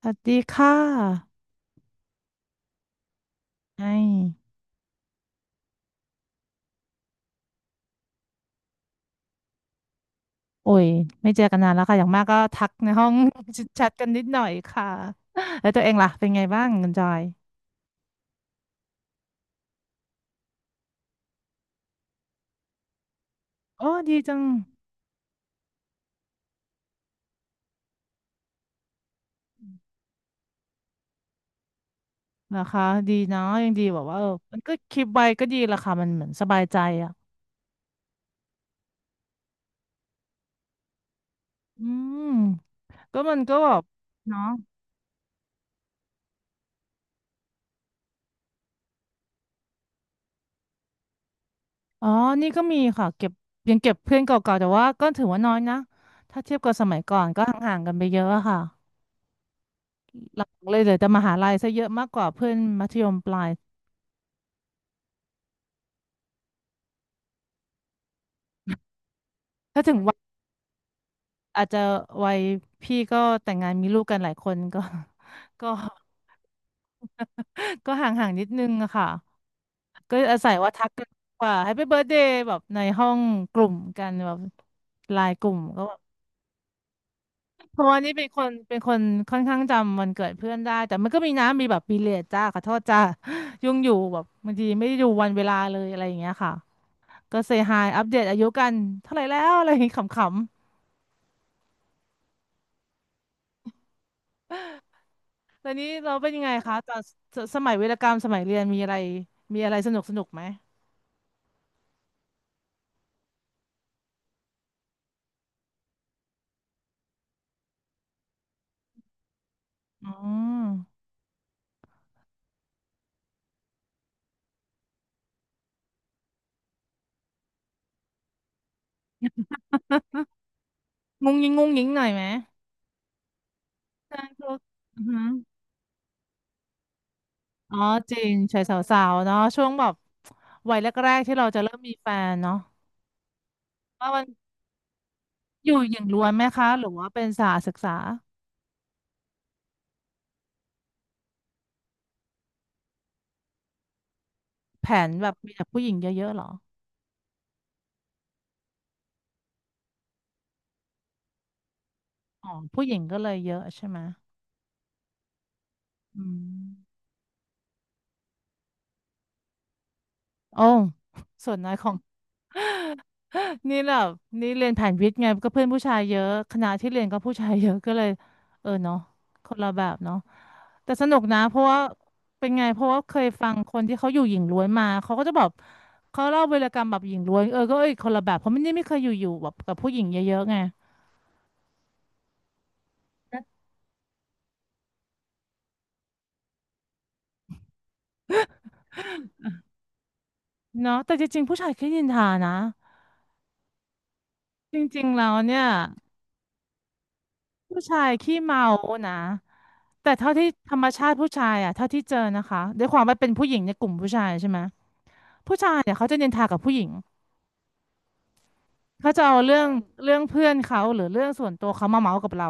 สวัสดีค่ะไอ้โอ้ย ไม่เจอกันนานแล้วค่ะอย่างมากก็ทักในห้อง แชทกันนิดหน่อยค่ะแล้วตัวเองล่ะเป็นไงบ้างคุณจอยโอ้ดีจังเหรอคะดีเนาะยังดีแบบว่าเออมันก็คลิปไว้ก็ดีละค่ะมันเหมือนสบายใจอ่ะอืม ก็มันก็แบบเนาะอ๋อนี่ก็มีค่ะเก็บยังเก็บเพื่อนเก่าๆ แต่ว่าก็ถือว่าน้อยนะ ถ้าเทียบกับสมัยก่อนก็ห่างๆกันไปเยอะอะค่ะหลักๆเลยเหลือแต่มหาลัยซะเยอะมากกว่าเพื่อนมัธยมปลายถ้าถึง อาจจะวัยพี่ก็แต่งงานมีลูกกันหลายคนก็ ก็ ก็ห่างๆนิดนึงอะค่ะก็อาศัยว่าทักกันกว่า Happy Birthdayแบบในห้องกลุ่มกันแบบไลน์กลุ่มก็แบบเพราะว่านี่เป็นคนค่อนข้างจำวันเกิดเพื่อนได้แต่มันก็มีน้ำมีแบบปีเลียดจ้าขอโทษจ้า ยุ่งอยู่แบบบางทีไม่ได้ดูวันเวลาเลยอะไรอย่างเงี้ยค่ะก็เซฮายอัปเดตอายุกันเท่าไหร่แล้วอะไรอย่างงี้ขำ แล้วนี้เราเป็นยังไงคะตอนสมัยวีรกรรมสมัยเรียนมีอะไรมีอะไรสนุกสนุกไหมอ๋องุงยิงงุงยิงหน่อยไหมใช่พวกอือหืออ๋อจริงชายสาวๆเนาะช่วงแบบวัยแรกๆที่เราจะเริ่มมีแฟนเนาะว่ามันอยู่หญิงล้วนไหมคะหรือว่าเป็นสาวศึกษาแผนแบบมีแต่ผู้หญิงเยอะๆเหรออ๋อผู้หญิงก็เลยเยอะใช่ไหมอืม โอ้ส่วนน้อยของ นี่แบบนี่เรียนแผนวิทย์ไงก็เพื่อนผู้ชายเยอะคณะที่เรียนก็ผู้ชายเยอะก็เลยเออเนาะคนละแบบเนาะแต่สนุกนะเพราะว่าเป็นไงเพราะว่าเคยฟังคนที่เขาอยู่หญิงล้วนมาเขาก็จะบอกเขาเล่าวีรกรรมแบบหญิงล้วนเออก็เอ้ยคนละแบบเพราะมันนี่ไม่เคยอยู่แบบกับผู้หญิงเยอะๆไงเนาะแต่จริงๆผู้ชายขี้นินทานะจริงๆแล้วเนี่ยผู้ชายขี้เมานะ แต่เท่าที่ธรรมชาติผู้ชายอ่ะเท่าที่เจอนะคะด้วยความว่าเป็นผู้หญิงในกลุ่มผู้ชายใช่ไหมผู้ชายเนี่ยเขาจะนินทากับผู้หญิงเขาจะเอาเรื่องเพื่อนเขาหรือเรื่องส่วนตัวเขามาเมาส์กับเรา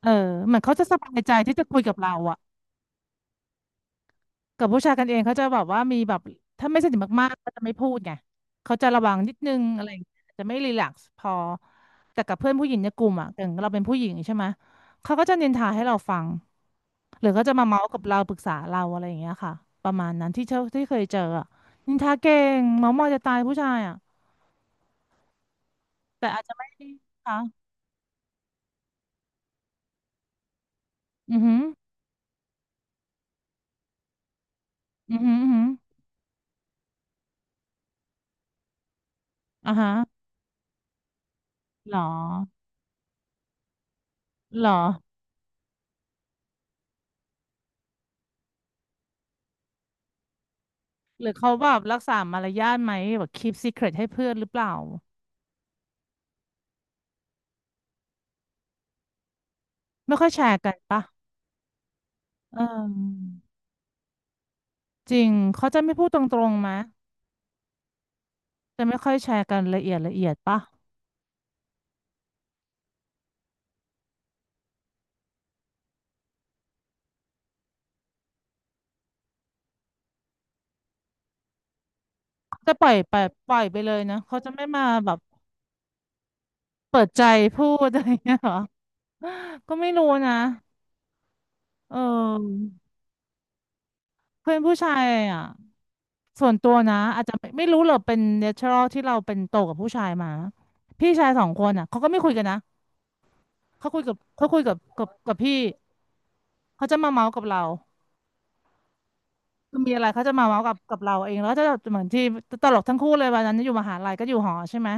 เออเหมือนเขาจะสบายใจที่จะคุยกับเราอ่ะ กับผู้ชายกันเองเขาจะแบบว่ามีแบบถ้าไม่สนิทมากๆก็จะไม่พูดไงเขาจะระวังนิดนึงอะไรอย่างเงี้ยจะไม่รีแลกซ์พอแต่กับเพื่อนผู้หญิงในกลุ่มอ่ะอย่างเราเป็นผู้หญิงใช่ไหมเขาก็จะนินทาให้เราฟังหรือเขาจะมาเมาส์กับเราปรึกษาเราอะไรอย่างเงี้ยค่ะประมาณนั้นที่เจอที่เคยเจออะนินทาเก่งเมาส์มอยจะตายผู้ชายอ่ะแต่อาจจะไม่ค่ะอือหืออือหืออือหืออ่าฮะหรอหรอหรือเขาแบบรักษามารยาทไหมแบบ keep secret ให้เพื่อนหรือเปล่า ไม่ค่อยแชร์กันปะเออจริง เขาจะไม่พูดตรงๆมะจะไม่ค่อยแชร์กันละเอียดละเอียดปะเขาจะปล่อยไปปล่อยไปเลยนะเขาจะไม่มาแบบเปิดใจพูดอะไรเงี้ยเหรอก็ไม่รู้นะเออเพื่อนผู้ชายอ่ะส่วนตัวนะอาจจะไม่ไม่รู้หรอกเป็นเนเชอรัลที่เราเป็นโตกับผู้ชายมา พี่ชาย2 คนอ่ะเขาก็ไม่คุยกันนะ เขาคุยกับเขาคุยกับกับพี่ เขาจะมาเมาส์กับเรา คือมีอะไรเขาจะมาเมาส์กับเราเองแล้วก็จะเหมือนที่ตลกทั้งคู่เลยวันนั้นอยู่มหาลัยก็อยู่หอใช่ไหม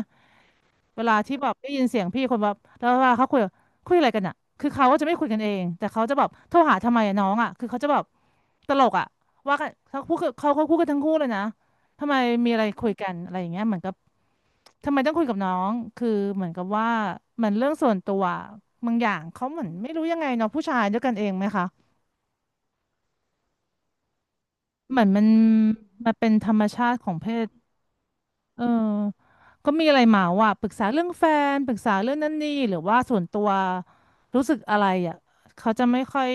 เวลาที่แบบได้ยินเสียงพี่คนแบบแล้วเวลาเขาคุยอะไรกันอ่ะคือเขาก็จะไม่คุยกันเองแต่เขาจะแบบโทรหาทำไมอะน้องอ่ะคือเขาจะแบบตลกอ่ะว่ากันเขาพูดกับเขาเขาพูดกันทั้งคู่เลยนะทำไมมีอะไรคุยกันอะไรอย่างเงี้ยเหมือนกับทำไมต้องคุยกับน้องคือเหมือนกับว่ามันเรื่องส่วนตัวบางอย่างเขาเหมือนไม่รู้ยังไงเนาะผู้ชายด้วยกันเองไหมคะเหมือนมันเป็นธรรมชาติของเพศ เออก็มีอะไรเมาอ่ะปรึกษาเรื่องแฟนปรึกษาเรื่องนั่นนี่หรือว่าส่วนตัวรู้สึกอะไรอ่ะเขาจะไม่ค่อย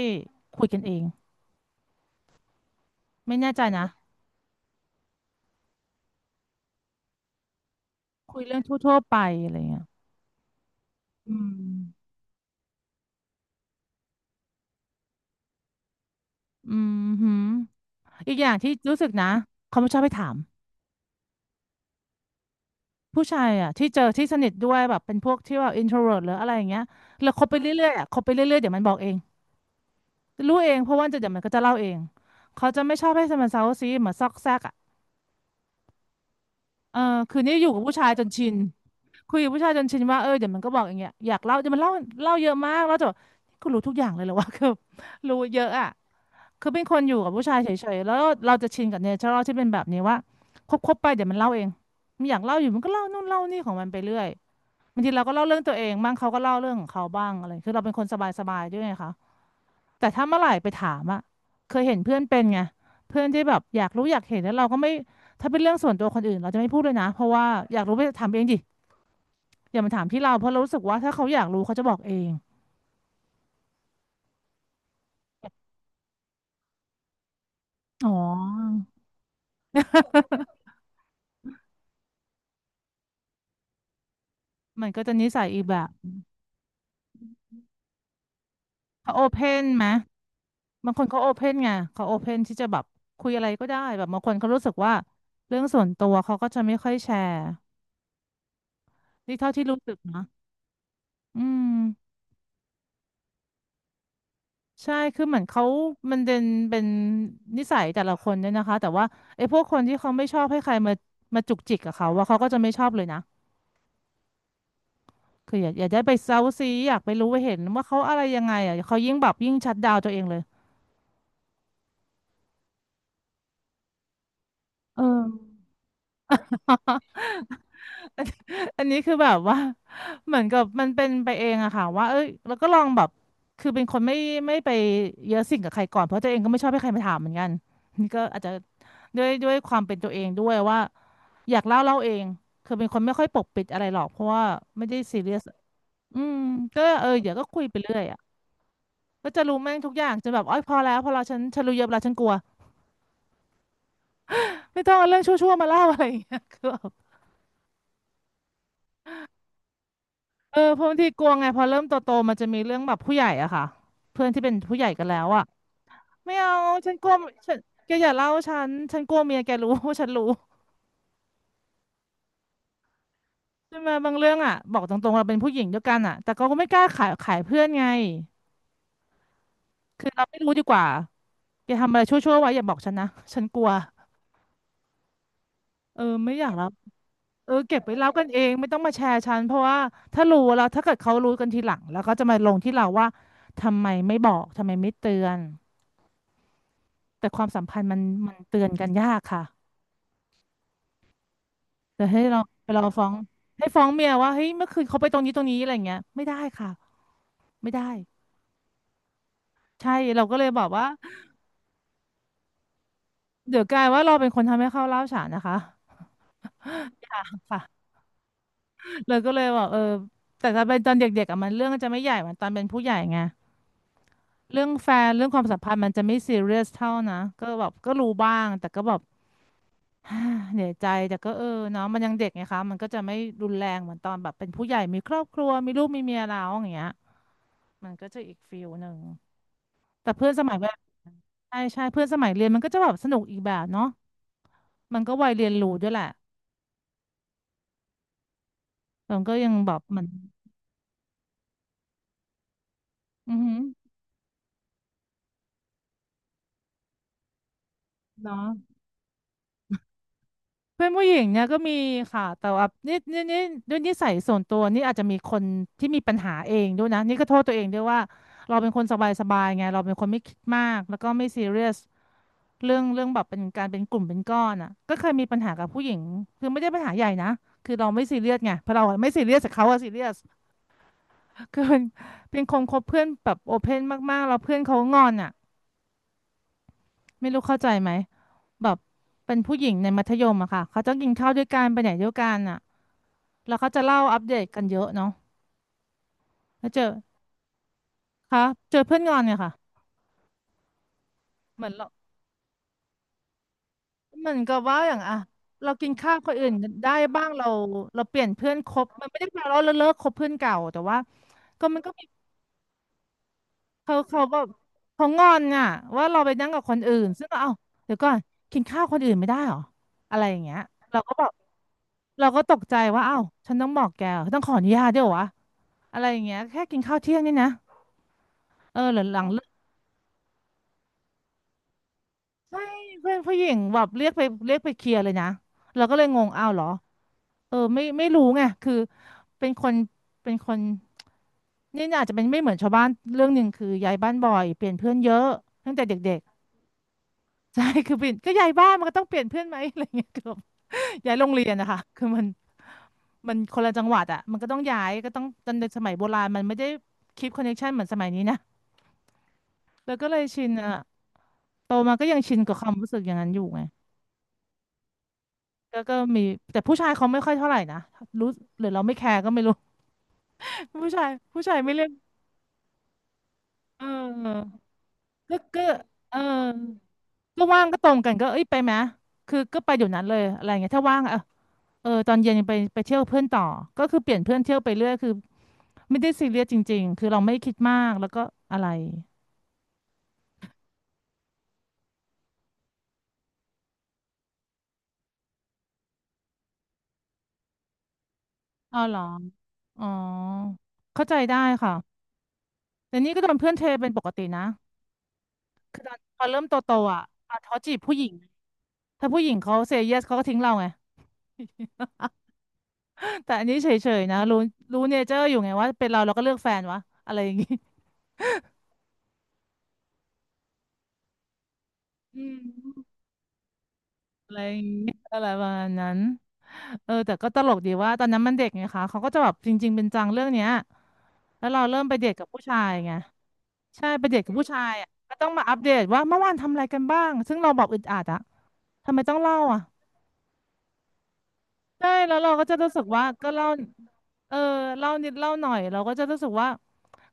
คุยกันเองไม่แน่ใจนะคุยเรื่องทั่วๆไปอะไรเงี้ยอืมอืมหืมอีกอย่างที่รู้สึกนะเขาไม่ชอบให้ถามผู้ชายอ่ะที่เจอที่สนิทด้วยแบบเป็นพวกที่ว่า introvert หรืออะไรอย่างเงี้ยแล้วคบไปเรื่อยๆอ่ะคบไปเรื่อยๆเดี๋ยวมันบอกเองรู้เองเพราะว่าจะเดี๋ยวมันก็จะเล่าเองเขาจะไม่ชอบให้มันเซาซีเหมือนซอกแซกอ่ะ เออคืนนี้อยู่กับผู้ชายจนชินคุยกับผู้ชายจนชินว่าเออเดี๋ยวมันก็บอกอย่างเงี้ยอยากเล่าเดี๋ยวมันเล่าเล่าเยอะมากแล้วจะแนี่กูรู้ทุกอย่างเลยเหรอวะ คือรู้เยอะอ่ะคือเป็นคนอยู่กับผู้ชายเฉยๆแล้วเราจะชินกับเนเชอรัลที่เป็นแบบนี้ว่าคบๆไปเดี๋ยวมันเล่าเองมันอยากเล่าอยู่มันก็เล่านู่นเล่านี่ของมันไปเรื่อยบางทีเราก็เล่าเรื่องตัวเองบ้างเขาก็เล่าเรื่องของเขาบ้างอะไรคือเราเป็นคนสบายๆด้วยไงคะ แต่ถ้าเมื่อไหร่ไปถามอะเคยเห็นเพื่อนเป็นไงเพื่อนที่แบบอยากรู้อยากเห็นแล้วเราก็ไม่ถ้าเป็นเรื่องส่วนตัวคนอื่นเราจะไม่พูดเลยนะเพราะว่าอยากรู้ไปถามเองดิอย่ามาถามที่เราเพราะเรารู้สึกว่าถ้าเขาอยากรู้เขาจะบอกเองอ๋อมันก็จะนิสัยอีกแบบเขาโอเพนไหมบางคนเขาโอเพนไงเขาโอเพนที่จะแบบคุยอะไรก็ได้แบบบางคนเขารู้สึกว่าเรื่องส่วนตัวเขาก็จะไม่ค่อยแชร์นี่เท่าที่รู้สึกนะอืม ใช่ คือเหมือนเขามันเป็นนิสัยแต่ละคนเนี่ยนะคะ แต่ว่าไอ้พวกคนที่เขาไม่ชอบให้ใครมามาจุกจิกกับเขา ว่าเขาก็จะไม่ชอบเลยนะคืออยากอยากได้ไปเซาซี อยากไปรู้ไปเห็นว่าเขาอะไรยังไงอ่ะเขายิ่งแบบยิ่งชัดดาวน์ตัวเองเลยเออ อัน อันนี้คือแบบว่า เหมือนกับมันเป็นไปเองอะค่ะว่าเอ้ยแล้วก็ลองแบบคือเป็นคนไม่ไปเยอะสิ่งกับใครก่อนเพราะตัวเองก็ไม่ชอบให้ใครมาถามเหมือนกันนี่ก็อาจจะด้วยความเป็นตัวเองด้วยว่าอยากเล่าเล่าเองคือเป็นคนไม่ค่อยปกปิดอะไรหรอกเพราะว่าไม่ได้ซีเรียสอืมก็เออเดี๋ยวก็คุยไปเรื่อยอะก็จะรู้แม่งทุกอย่างจนแบบอ้อยพอแล้วพอแล้วฉันรู้เยอะแล้วฉันกลัวไม่ต้องเอาเรื่องชั่วๆมาเล่าอะไรอย่างเงี้ย คือ เออเพราะบางทีกลัวไงพอเริ่มโตๆมันจะมีเรื่องแบบผู้ใหญ่อะค่ะเพื่อนที่เป็นผู้ใหญ่กันแล้วอะไม่เอา ฉันกลัวฉันแกอย่าเล่าฉัน ฉันกลัวเมียแกรู้ ว่าฉันรู้ใช่ไหมบางเรื่องอะบอกตรงๆเราเป็นผู้หญิงด้วยกันอะแต่ก็ไม่กล้าขายขายเพื่อนไงคือเราไม่รู้ดีกว่าแกทำอะไรชั่วๆไว้อย่าบอกฉันนะ ฉันกลัวเออ ไม่อยากรับเออเก็บไว้เล่ากันเอง ไม่ต้องมาแชร์ฉันเพราะว่าถ้ารู้แล้วถ้าเกิดเขารู้กันทีหลังแล้วก็จะมาลงที่เราว่าทำไมไม่บอกทำไมไม่เตือน แต่ความสัมพันธ์มันเตือนกันยากค่ะแต่ให้เราไปเราฟ้องให้ฟ้องเมียว่าเฮ้ยเมื่อคืนเขาไปตรงนี้ตรงนี้อะไรเงี้ยไม่ได้ค่ะไม่ได้ใช่เราก็เลยบอกว่าเดี๋ยวกลายว่าเราเป็นคนทำให้เขาเล่าวฉานนะคะ ค่ะเลยก็เลยบอกเออแต่ถ้าเป็นตอนเด็กๆอ่ะมันเรื่องมันจะไม่ใหญ่เหมือนตอนเป็นผู้ใหญ่ไงเรื่องแฟนเรื่องความสัมพันธ์มันจะไม่ซีเรียสเท่านะก็แบบก็รู้บ้างแต่ก็แบบ เหนื่อยใจแต่ก็เออเนาะมันยังเด็กไงคะมันก็จะไม่รุนแรงเหมือนตอนแบบเป็นผู้ใหญ่มีครอบครัวมีลูกมีเมียแล้วอย่างเงี้ย มันก็จะอีกฟิลหนึ่งแต่เพื่อนสมัยวลาใช่ใช่เพื่อนสมัยเรียนมันก็จะแบบสนุกอีกแบบเนาะมันก็วัยเรียนรู้ด้วยแหละแต่มันก็ยังแบบเหมือนอือหือเนาะเพื่อนผู้หญิงเนี่ยก็มีค่ะแต่ว่านี่ด้วยนิสัยส่วนตัวนี่อาจจะมีคนที่มีปัญหาเองด้วยนะนี่ก็โทษตัวเองด้วยว่าเราเป็นคนสบายสบายไงเราเป็นคนไม่คิดมากแล้วก็ไม่ซีเรียสเรื่องแบบเป็นการเป็นกลุ่มเป็นก้อนอ่ะก็เคยมีปัญหากับผู้หญิงคือไม่ได้ปัญหาใหญ่นะคือเราไม่ซีเรียสไงเพราะเราอะไม่ซีเรียสแต่เขาอะซีเรียส คือเป็นคนคบเพื่อนแบบโอเพนมากๆแล้วเพื่อนเขางอนอ่ะไม่รู้เข้าใจไหมแบบเป็นผู้หญิงในมัธยมอะค่ะเขาต้องกินข้าวด้วยกันไปไหนด้วยกันอะแล้วเขาจะเล่าอัปเดตกันเยอะเนาะแล้วเจอคะเจอเพื่อนงอนเนี่ยค่ะเหมือนเราเหมือนกับว่าอย่างอะเรากินข้าวคนอื่นได้บ้างเราเปลี่ยนเพื่อนคบมันไม่ได้แปลว่าเราเลิกคบเพื่อนเก่าแต่ว่าก็มันก็ เขาแบบเขางอนอ่ะว่าเราไปนั่งกับคนอื่นซึ่งก็เอ้าเดี๋ยวก่อนกินข้าวคนอื่นไม่ได้เหรออะไรอย่างเงี้ยเราก็บอกเราก็ตกใจว่าเอ้าฉันต้องบอกแกเหรอต้องขออนุญาตด้วยเหรอวะอะไรอย่างเงี้ยแค่กินข้าวเที่ยงนี่นะเออหลังเลิกใช่เพื่อนผู้หญิงแบบเรียกไปเรียกไปเคลียร์เลยนะเราก็เลยงงอ้าวเหรอเออไม่รู้ไงคือเป็นคนเป็นคนนี่อาจจะเป็นไม่เหมือนชาวบ้านเรื่องหนึ่งคือย้ายบ้านบ่อยเปลี่ยนเพื่อนเยอะตั้งแต่เด็ก ใช่ คือเปลี่ยนก็ย้ายบ้านมันก็ต้องเปลี่ยนเพื่อนไหม อะไรเงี้ยเกือบ ย้ายโรงเรียนนะคะ คือมันคนละจังหวัดอ่ะมันก็ต้องย้ายก็ต้องตอนเด็กสมัยโบราณมันไม่ได้คีปคอนเนคชันเหมือนสมัยนี้นะแล้วก็เลยชินอ่ะโตมาก็ยังชินกับความรู้สึกอย่างนั้นอยู่ไงแล้วก็มีแต่ผู้ชายเขาไม่ค่อยเท่าไหร่นะรู้หรือเราไม่แคร์ก็ไม่รู้ ผู้ชายไม่เล่นเออก็เออก็ว่างก็ตรงกันก็เอ้ยไปไหมคือก็ไปเดี๋ยวนั้นเลยอะไรเงี้ยถ้าว่างเออ เออตอนเย็นยังไปไปเที่ยวเพื่อนต่อก็คือเปลี่ยนเพื่อนเที่ยวไปเรื่อยคือไม่ได้ซีเรียสจริงๆคือเราไม่คิดมากแล้วก็อะไรอ๋อเหรออ๋อเข้าใจได้ค่ะแต่นี่ก็โดนเพื่อนเทเป็นปกตินะพอเริ่มโตๆอ่ะอ่ะเขาจีบผู้หญิงถ้าผู้หญิงเขาเซเยสเขาก็ทิ้งเราไง แต่อันนี้เฉยๆนะรู้รู้เนเจอร์อยู่ไงว่าเป็นเราเราก็เลือกแฟนวะอะไรอย่างงี้อืม อะไรอย่างเงี้ยอะไรประมาณนั้นเออแต่ก็ตลกดีว่าตอนนั้นมันเด็กไงคะเขาก็จะแบบจริงๆเป็นจังเรื่องเนี้ยแล้วเราเริ่มไปเดทกับผู้ชายไงใช่ไปเดทกับผู้ชายอ่ะก็ต้องมาอัปเดตว่าเมื่อวานทำอะไรกันบ้างซึ่งเราบอกอึดอัดอะทำไมต้องเล่าอ่ะใช่แล้วเราก็จะรู้สึกว่าก็เล่าเออเล่านิดเล่าหน่อยเราก็จะรู้สึกว่า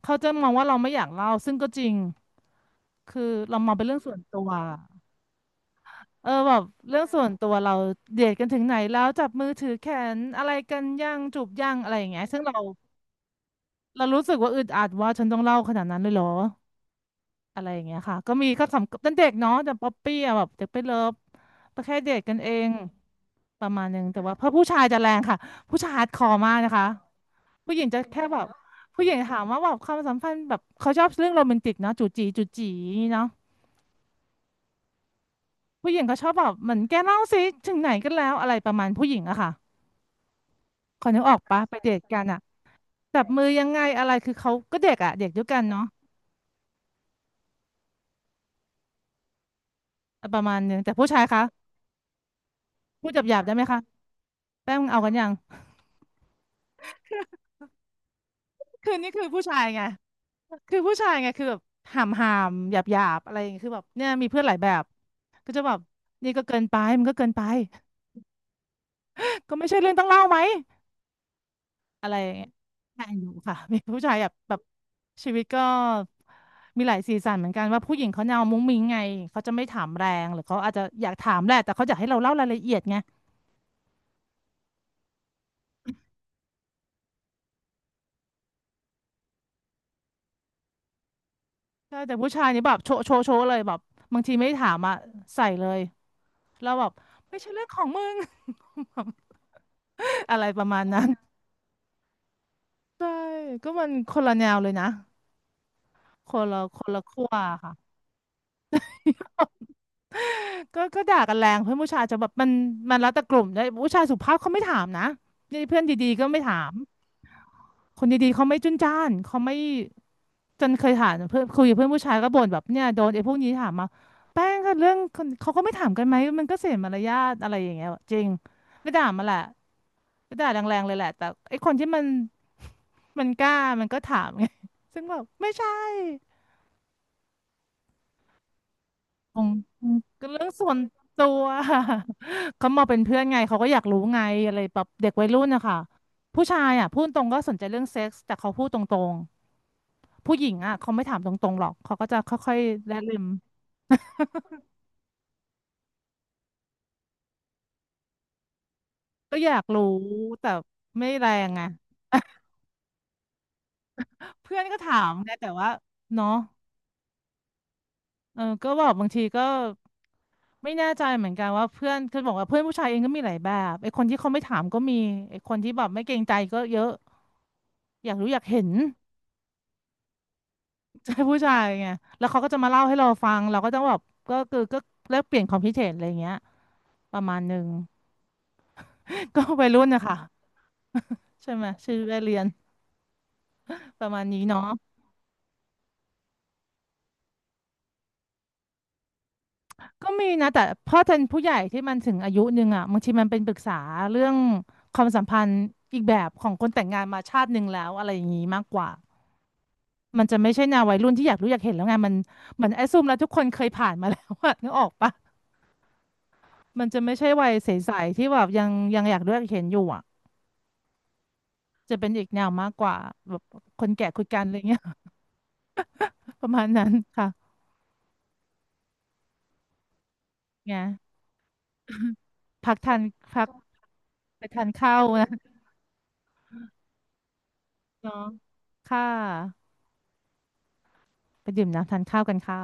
เขาจะมองว่าเราไม่อยากเล่าซึ่งก็จริงคือเรามองเป็นเรื่องส่วนตัว เออแบบเรื่องส่วนตัวเราเดทกันถึงไหนแล้วจับมือถือแขนอะไรกันยังจูบยังอะไรอย่างเงี้ยซึ่งเรารู้สึกว่าอึดอัดว่าฉันต้องเล่าขนาดนั้นเลยเหรออะไรอย่างเงี้ยค่ะก็มีก็สำตั้งเด็กเนาะแต่ป๊อปปี้อะแบบเด็กไปเลิฟก็แค่เดทกันเองประมาณนึงแต่ว่าเพราะผู้ชายจะแรงค่ะผู้ชายฮาร์ดคอร์มากนะคะผู้หญิงจะแค่แบบผู้หญิงถามว่าแบบความสัมพันธ์แบบเขาชอบเรื่องโรแมนติกเนาะจูจีจูจีเนาะผู้หญิงเขาชอบแบบเหมือนแกเล่าสิถึงไหนกันแล้วอะไรประมาณผู้หญิงอะค่ะ ขอนึกออกปะไปเดทกันอะจับมือยังไงอะไรคือเขาก็เด็กอะเด็กด้วยกันเนาะประมาณนึงแต่ผู้ชายคะพูดหยาบๆได้ไหมคะแป้งมึงเอากันยัง คือนี่คือผู้ชายไงคือแบบหามหามหยาบหยาบๆอะไรอย่างเงี้ยคือแบบเนี่ยมีเพื่อนหลายแบบก็จะแบบนี่ก็เกินไปมันก็เกินไป ก็ไม่ใช่เรื่องต้องเล่าไหม อะไรอย่างเงี้ยใช่อยู่ค่ะ มีผู้ชายแบบชีวิตก็มีหลายสีสันเหมือนกันว่าผู้หญิงเขาแนวมุ้งมิ้งไงเขาจะไม่ถามแรงหรือเขาอาจจะอยากถามแหละแต่เขาอยากให้เราเล่ารายละเอียดไงใช่แต่ผู้ชายนี่แบบโชว์เลยแบบบางทีไม่ถามอ่ะใส่เลยแล้วแบบไม่ใช่เรื่องของมึง อะไรประมาณนั้นใช่ก็มันคนละแนวเลยนะคนละขั้วค่ะ ก็ด่ากันแรงเพื่อนผู้ชายจะแบบมันแล้วแต่กลุ่มด้วยผู้ชายสุภาพเขาไม่ถามนะนี่เพื่อนดีๆก็ไม่ถามคนดีๆเขาไม่จุนจ้านเขาไม่จนเคยถามเพื่อนคุยกับเพื่อนผู้ชายก็บ่นแบบเนี่ยโดนไอ้พวกนี้ถามมาแป้งก็เรื่องคนเขาก็ไม่ถามกันไหมมันก็เสียมารยาทอะไรอย่างเงี้ยจริงไม่ด่ามาแหละไม่ด่าแรงๆเลยแหละแต่ไอ้คนที่มัน มันกล้ามันก็ถามไงซึ่งแบบไม่ใช่ ของก็เรื่องส่วนตัว เขามองเป็นเพื่อนไงเขาก็อยากรู้ไงอะไรแบบเด็กวัยรุ่นนะคะผู้ชายอ่ะพูดตรงก็สนใจเรื่องเซ็กส์แต่เขาพูดตรงๆผู้หญิงอ่ะเขาไม่ถามตรงๆหรอกเขาก็จะค่อยๆแลลืมก็อยากรู้แต่ไม่แรงไงเพื่อนก็ถามไงแต่ว่าเนาะ เออก็บอกบางทีก็ไม่แน่ใจเหมือนกันว่าเพื่อนคือบอกว่าเพื่อนผู้ชายเองก็มีหลายแบบไอ้คนที่เขาไม่ถามก็มีไอ้คนที่แบบไม่เกรงใจก็เยอะอยากรู้อยากเห็น ใจผู้ชายไงแล้วเขาก็จะมาเล่าให้เราฟังเราก็ต้องแบบก็คือก็แลกเปลี่ยนความคิดเห็นอะไรอย่างเงี้ยประมาณหนึ่ง ก็วัยรุ่นนะคะใช่ไหมชีวิตวัยเรียนประมาณนี้เนาะ ก็มีนะแต่พ่อแทันผู้ใหญ่ที่มันถึงอายุหนึ่งอ่ะบางทีมันเป็นปรึกษาเรื่องความสัมพันธ์อีกแบบของคนแต่งงานมาชาติหนึ่งแล้วอะไรอย่างนี้มากกว่ามันจะไม่ใช่แนววัยรุ่นที่อยากรู้อยากเห็นแล้วไงมันเหมือนแอสซูมแล้วทุกคนเคยผ่านมาแล้วอะ นึกออกปะมันจะไม่ใช่วัยใสๆที่แบบยังอยากรู้อยากเห็นอยู่อ่ะจะเป็นอีกแนวมากกว่าแบบคนแก่คุยกันอะไรเงี้ย ประมาณนั้นค่ะไงพักทานพักไปทานข้าวนะเนาะค่ะไปดื่มน้ำทานข้าวกันค่ะ